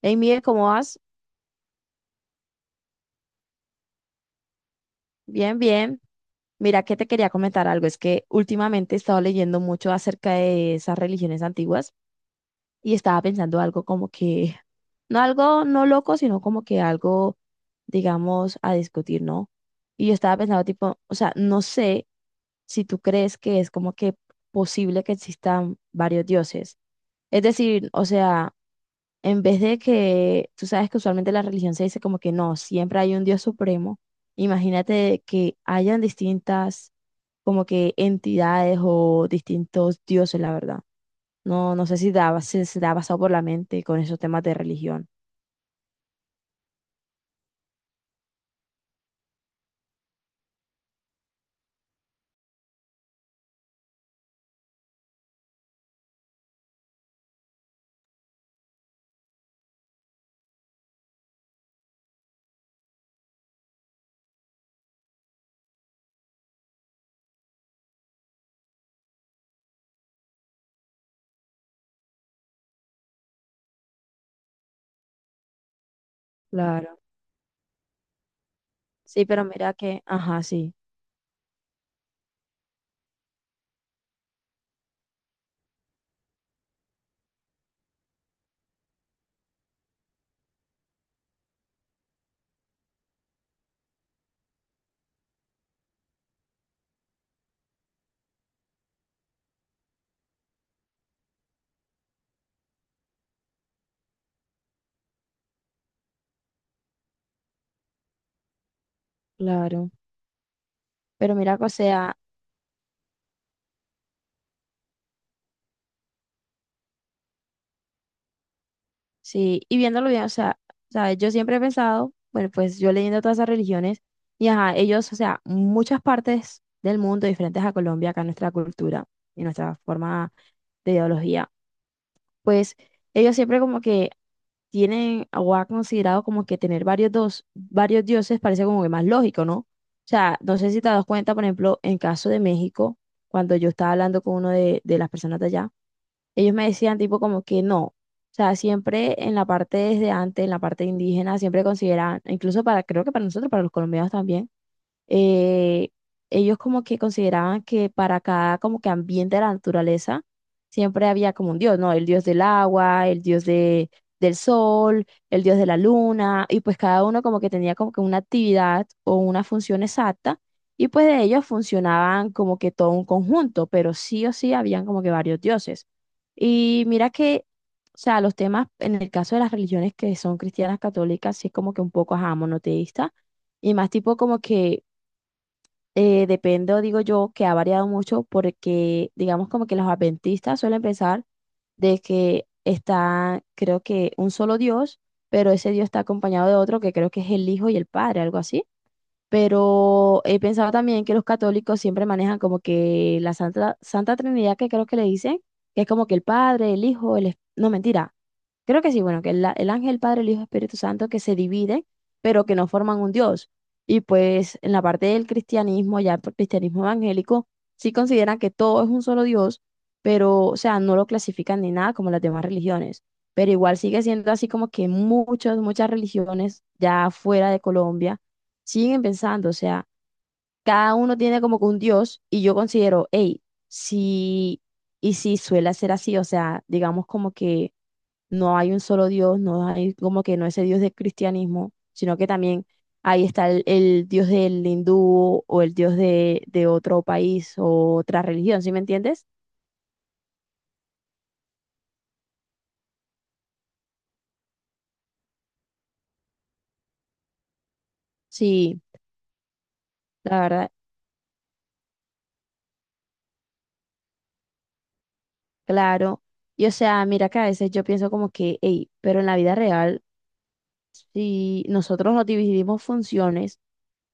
Hey, Miguel, ¿cómo vas? Bien, bien. Mira que te quería comentar algo. Es que últimamente he estado leyendo mucho acerca de esas religiones antiguas y estaba pensando algo como que, no algo no loco, sino como que algo, digamos, a discutir, ¿no? Y yo estaba pensando tipo, o sea, no sé si tú crees que es como que posible que existan varios dioses. Es decir, o sea, en vez de que, tú sabes que usualmente la religión se dice como que no, siempre hay un Dios supremo. Imagínate que hayan distintas como que entidades o distintos dioses, la verdad. No, no sé si daba, se te ha pasado por la mente con esos temas de religión. Claro, sí, pero mira que, ajá, sí, claro. Pero mira que, o sea, sí, y viéndolo bien, o sea, ¿sabes? Yo siempre he pensado, bueno, pues yo leyendo todas esas religiones, y ajá, ellos, o sea, muchas partes del mundo diferentes a Colombia, acá nuestra cultura y nuestra forma de ideología, pues ellos siempre como que tienen o ha considerado como que tener varios, dos, varios dioses parece como que más lógico, ¿no? O sea, no sé si te das cuenta, por ejemplo, en caso de México, cuando yo estaba hablando con uno de las personas de allá, ellos me decían tipo como que no. O sea, siempre en la parte desde antes, en la parte indígena, siempre consideraban, incluso para, creo que para nosotros, para los colombianos también, eh, ellos como que consideraban que para cada como que ambiente de la naturaleza siempre había como un dios, ¿no? El dios del agua, el dios de, del sol, el dios de la luna, y pues cada uno como que tenía como que una actividad o una función exacta, y pues de ellos funcionaban como que todo un conjunto, pero sí o sí habían como que varios dioses. Y mira que... O sea, los temas en el caso de las religiones que son cristianas católicas, sí es como que un poco, ajá, monoteísta, y más tipo como que dependo, digo yo, que ha variado mucho porque, digamos, como que los adventistas suelen pensar de que está, creo que un solo Dios, pero ese Dios está acompañado de otro que creo que es el Hijo y el Padre, algo así. Pero he pensado también que los católicos siempre manejan como que la Santa, Santa Trinidad, que creo que le dicen, que es como que el Padre, el Hijo, el... No, mentira. Creo que sí, bueno, que el, el ángel, el Padre, el Hijo, Espíritu Santo, que se dividen, pero que no forman un Dios. Y pues en la parte del cristianismo, ya el cristianismo evangélico, sí consideran que todo es un solo Dios, pero, o sea, no lo clasifican ni nada como las demás religiones. Pero igual sigue siendo así como que muchas, muchas religiones ya fuera de Colombia siguen pensando, o sea, cada uno tiene como que un Dios y yo considero, hey, sí, y sí suele ser así, o sea, digamos como que no hay un solo Dios, no hay como que no ese Dios del cristianismo, sino que también ahí está el Dios del hindú o el Dios de otro país o otra religión, ¿sí me entiendes? Sí, la verdad, claro. Y o sea, mira que a veces yo pienso como que, hey, pero en la vida real si nosotros nos dividimos funciones,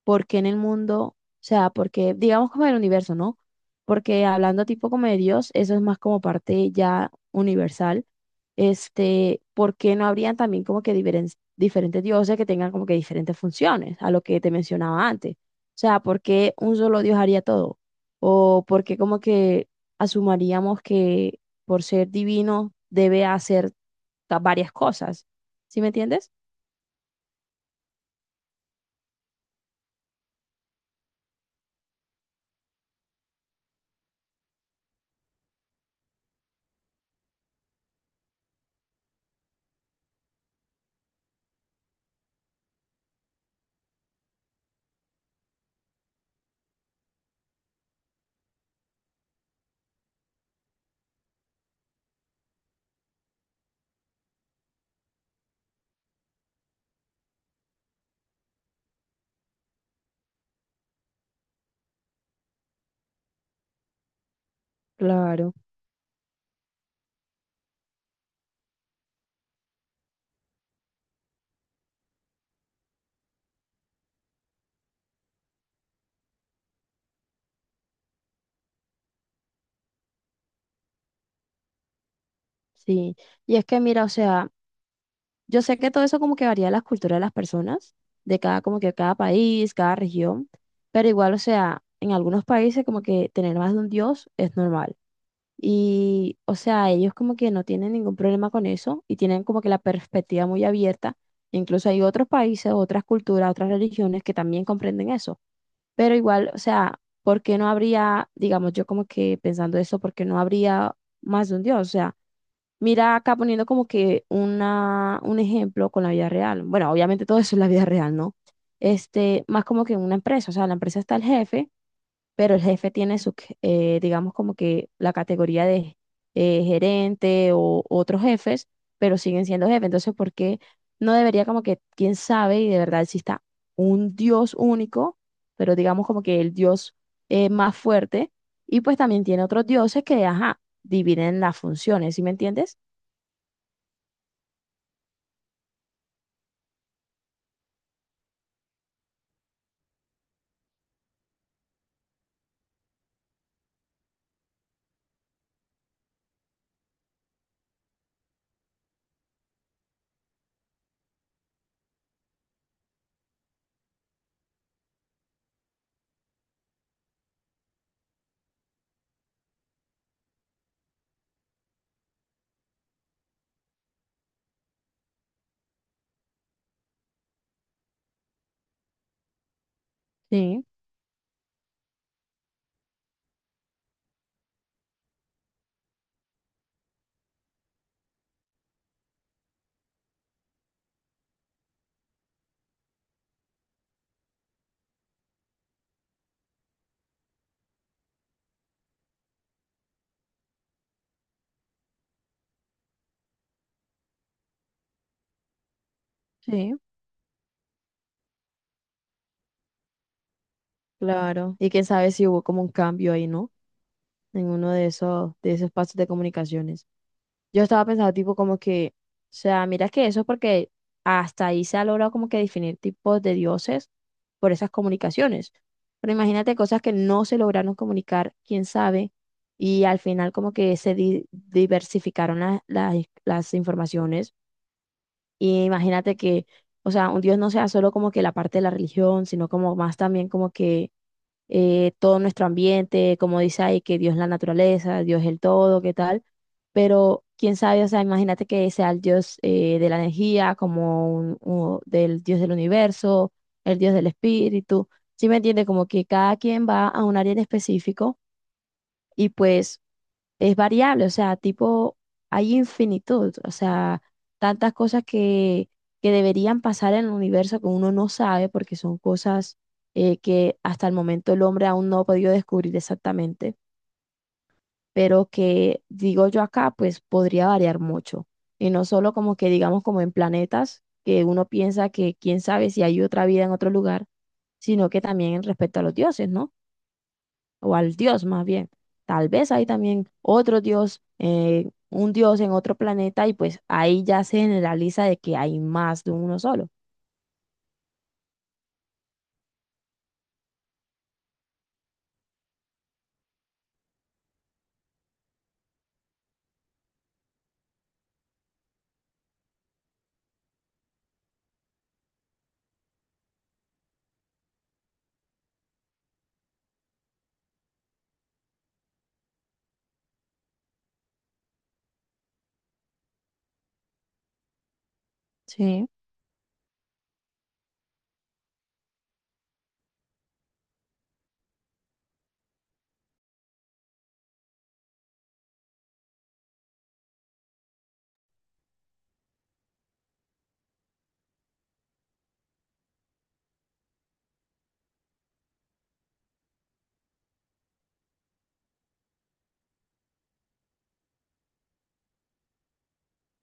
¿por qué en el mundo? O sea, porque digamos como el universo, ¿no? Porque hablando tipo como de Dios, eso es más como parte ya universal. Este, ¿por qué no habrían también como que diferentes dioses que tengan como que diferentes funciones a lo que te mencionaba antes? O sea, ¿por qué un solo Dios haría todo? ¿O por qué como que asumaríamos que por ser divino debe hacer varias cosas? ¿Sí me entiendes? Claro, sí. Y es que mira, o sea, yo sé que todo eso como que varía de las culturas de las personas, de cada, como que cada país, cada región, pero igual, o sea, en algunos países como que tener más de un dios es normal. Y, o sea, ellos como que no tienen ningún problema con eso y tienen como que la perspectiva muy abierta. Incluso hay otros países, otras culturas, otras religiones que también comprenden eso. Pero igual, o sea, ¿por qué no habría, digamos, yo como que pensando eso, ¿por qué no habría más de un dios? O sea, mira acá poniendo como que una, un ejemplo con la vida real. Bueno, obviamente todo eso es la vida real, ¿no? Este, más como que en una empresa, o sea, en la empresa está el jefe, pero el jefe tiene su, digamos como que la categoría de gerente o otros jefes, pero siguen siendo jefe. Entonces, ¿por qué no debería como que, quién sabe, y de verdad exista un Dios único, pero digamos como que el Dios más fuerte, y pues también tiene otros dioses que, ajá, dividen las funciones, ¿sí me entiendes? Sí, sí, claro. Y quién sabe si hubo como un cambio ahí, ¿no? En uno de esos pasos de comunicaciones. Yo estaba pensando tipo como que, o sea, mira que eso es porque hasta ahí se ha logrado como que definir tipos de dioses por esas comunicaciones. Pero imagínate cosas que no se lograron comunicar, quién sabe, y al final como que se diversificaron las informaciones. Y imagínate que, o sea, un dios no sea solo como que la parte de la religión, sino como más también como que todo nuestro ambiente, como dice ahí, que Dios es la naturaleza, Dios es el todo, qué tal, pero quién sabe, o sea, imagínate que sea el Dios de la energía, como un, del Dios del universo, el Dios del espíritu, ¿sí me entiende? Como que cada quien va a un área en específico y pues es variable, o sea, tipo, hay infinitud, o sea, tantas cosas que deberían pasar en el universo que uno no sabe porque son cosas que hasta el momento el hombre aún no ha podido descubrir exactamente, pero que, digo yo acá, pues podría variar mucho. Y no solo como que digamos como en planetas, que uno piensa que quién sabe si hay otra vida en otro lugar, sino que también respecto a los dioses, ¿no? O al dios más bien. Tal vez hay también otro dios, un dios en otro planeta y pues ahí ya se generaliza de que hay más de uno solo. Sí,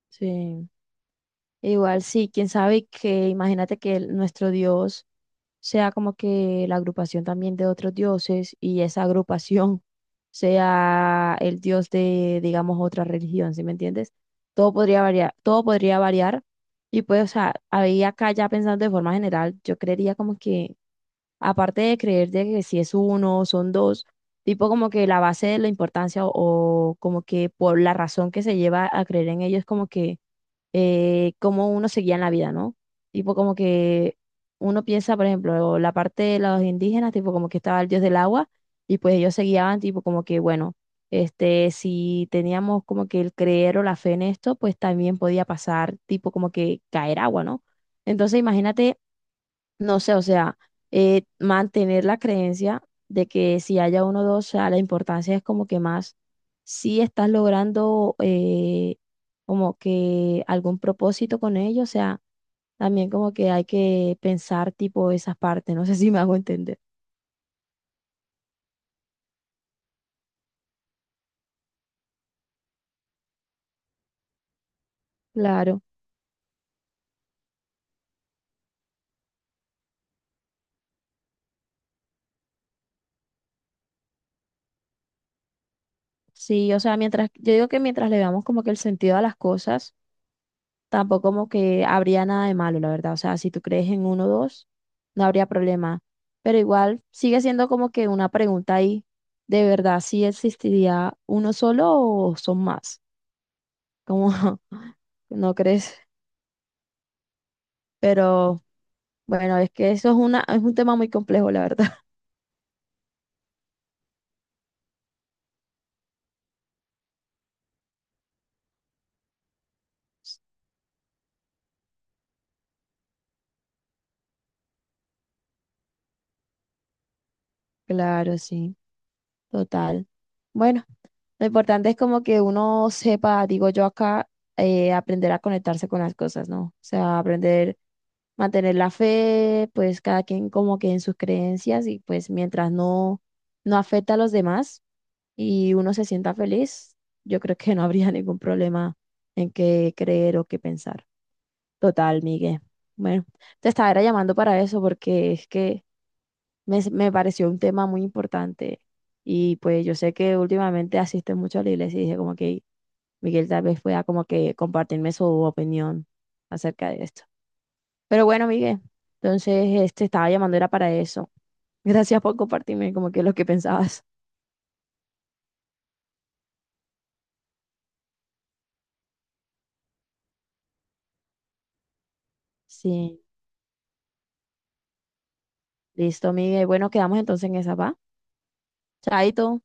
sí. Igual sí, quién sabe que imagínate que nuestro dios sea como que la agrupación también de otros dioses y esa agrupación sea el dios de, digamos, otra religión, ¿sí me entiendes? Todo podría variar y pues, o sea, ahí acá ya pensando de forma general, yo creería como que aparte de creer de que si es uno son dos, tipo como que la base de la importancia o como que por la razón que se lleva a creer en ellos, como que cómo uno se guía en la vida, ¿no? Tipo como que uno piensa, por ejemplo, la parte de los indígenas, tipo como que estaba el dios del agua y pues ellos se guiaban tipo como que, bueno, este, si teníamos como que el creer o la fe en esto, pues también podía pasar tipo como que caer agua, ¿no? Entonces imagínate no sé, o sea, mantener la creencia de que si haya uno o dos, o sea, la importancia es como que más si estás logrando como que algún propósito con ello, o sea, también como que hay que pensar tipo esas partes, no sé si me hago entender. Claro, sí, o sea, mientras, yo digo que mientras le veamos como que el sentido a las cosas. Tampoco como que habría nada de malo, la verdad. O sea, si tú crees en uno o dos, no habría problema. Pero igual sigue siendo como que una pregunta ahí, ¿de verdad si existiría uno solo o son más? Como, ¿no crees? Pero bueno, es que eso es una, es un tema muy complejo, la verdad. Claro, sí, total. Bueno. Lo importante es como que uno sepa, digo yo acá, aprender a conectarse con las cosas, ¿no? O sea, aprender, mantener la fe, pues cada quien como que en sus creencias y pues mientras no, no afecta a los demás y uno se sienta feliz, yo creo que no habría ningún problema en qué creer o qué pensar. Total, Miguel. Bueno, te estaba era llamando para eso porque es que me pareció un tema muy importante. Y pues yo sé que últimamente asiste mucho a la iglesia y dije como que Miguel tal vez pueda como que compartirme su opinión acerca de esto. Pero bueno, Miguel, entonces este estaba llamando era para eso. Gracias por compartirme como que lo que pensabas. Sí, listo, Miguel. Bueno, quedamos entonces en esa, ¿va? Chaito.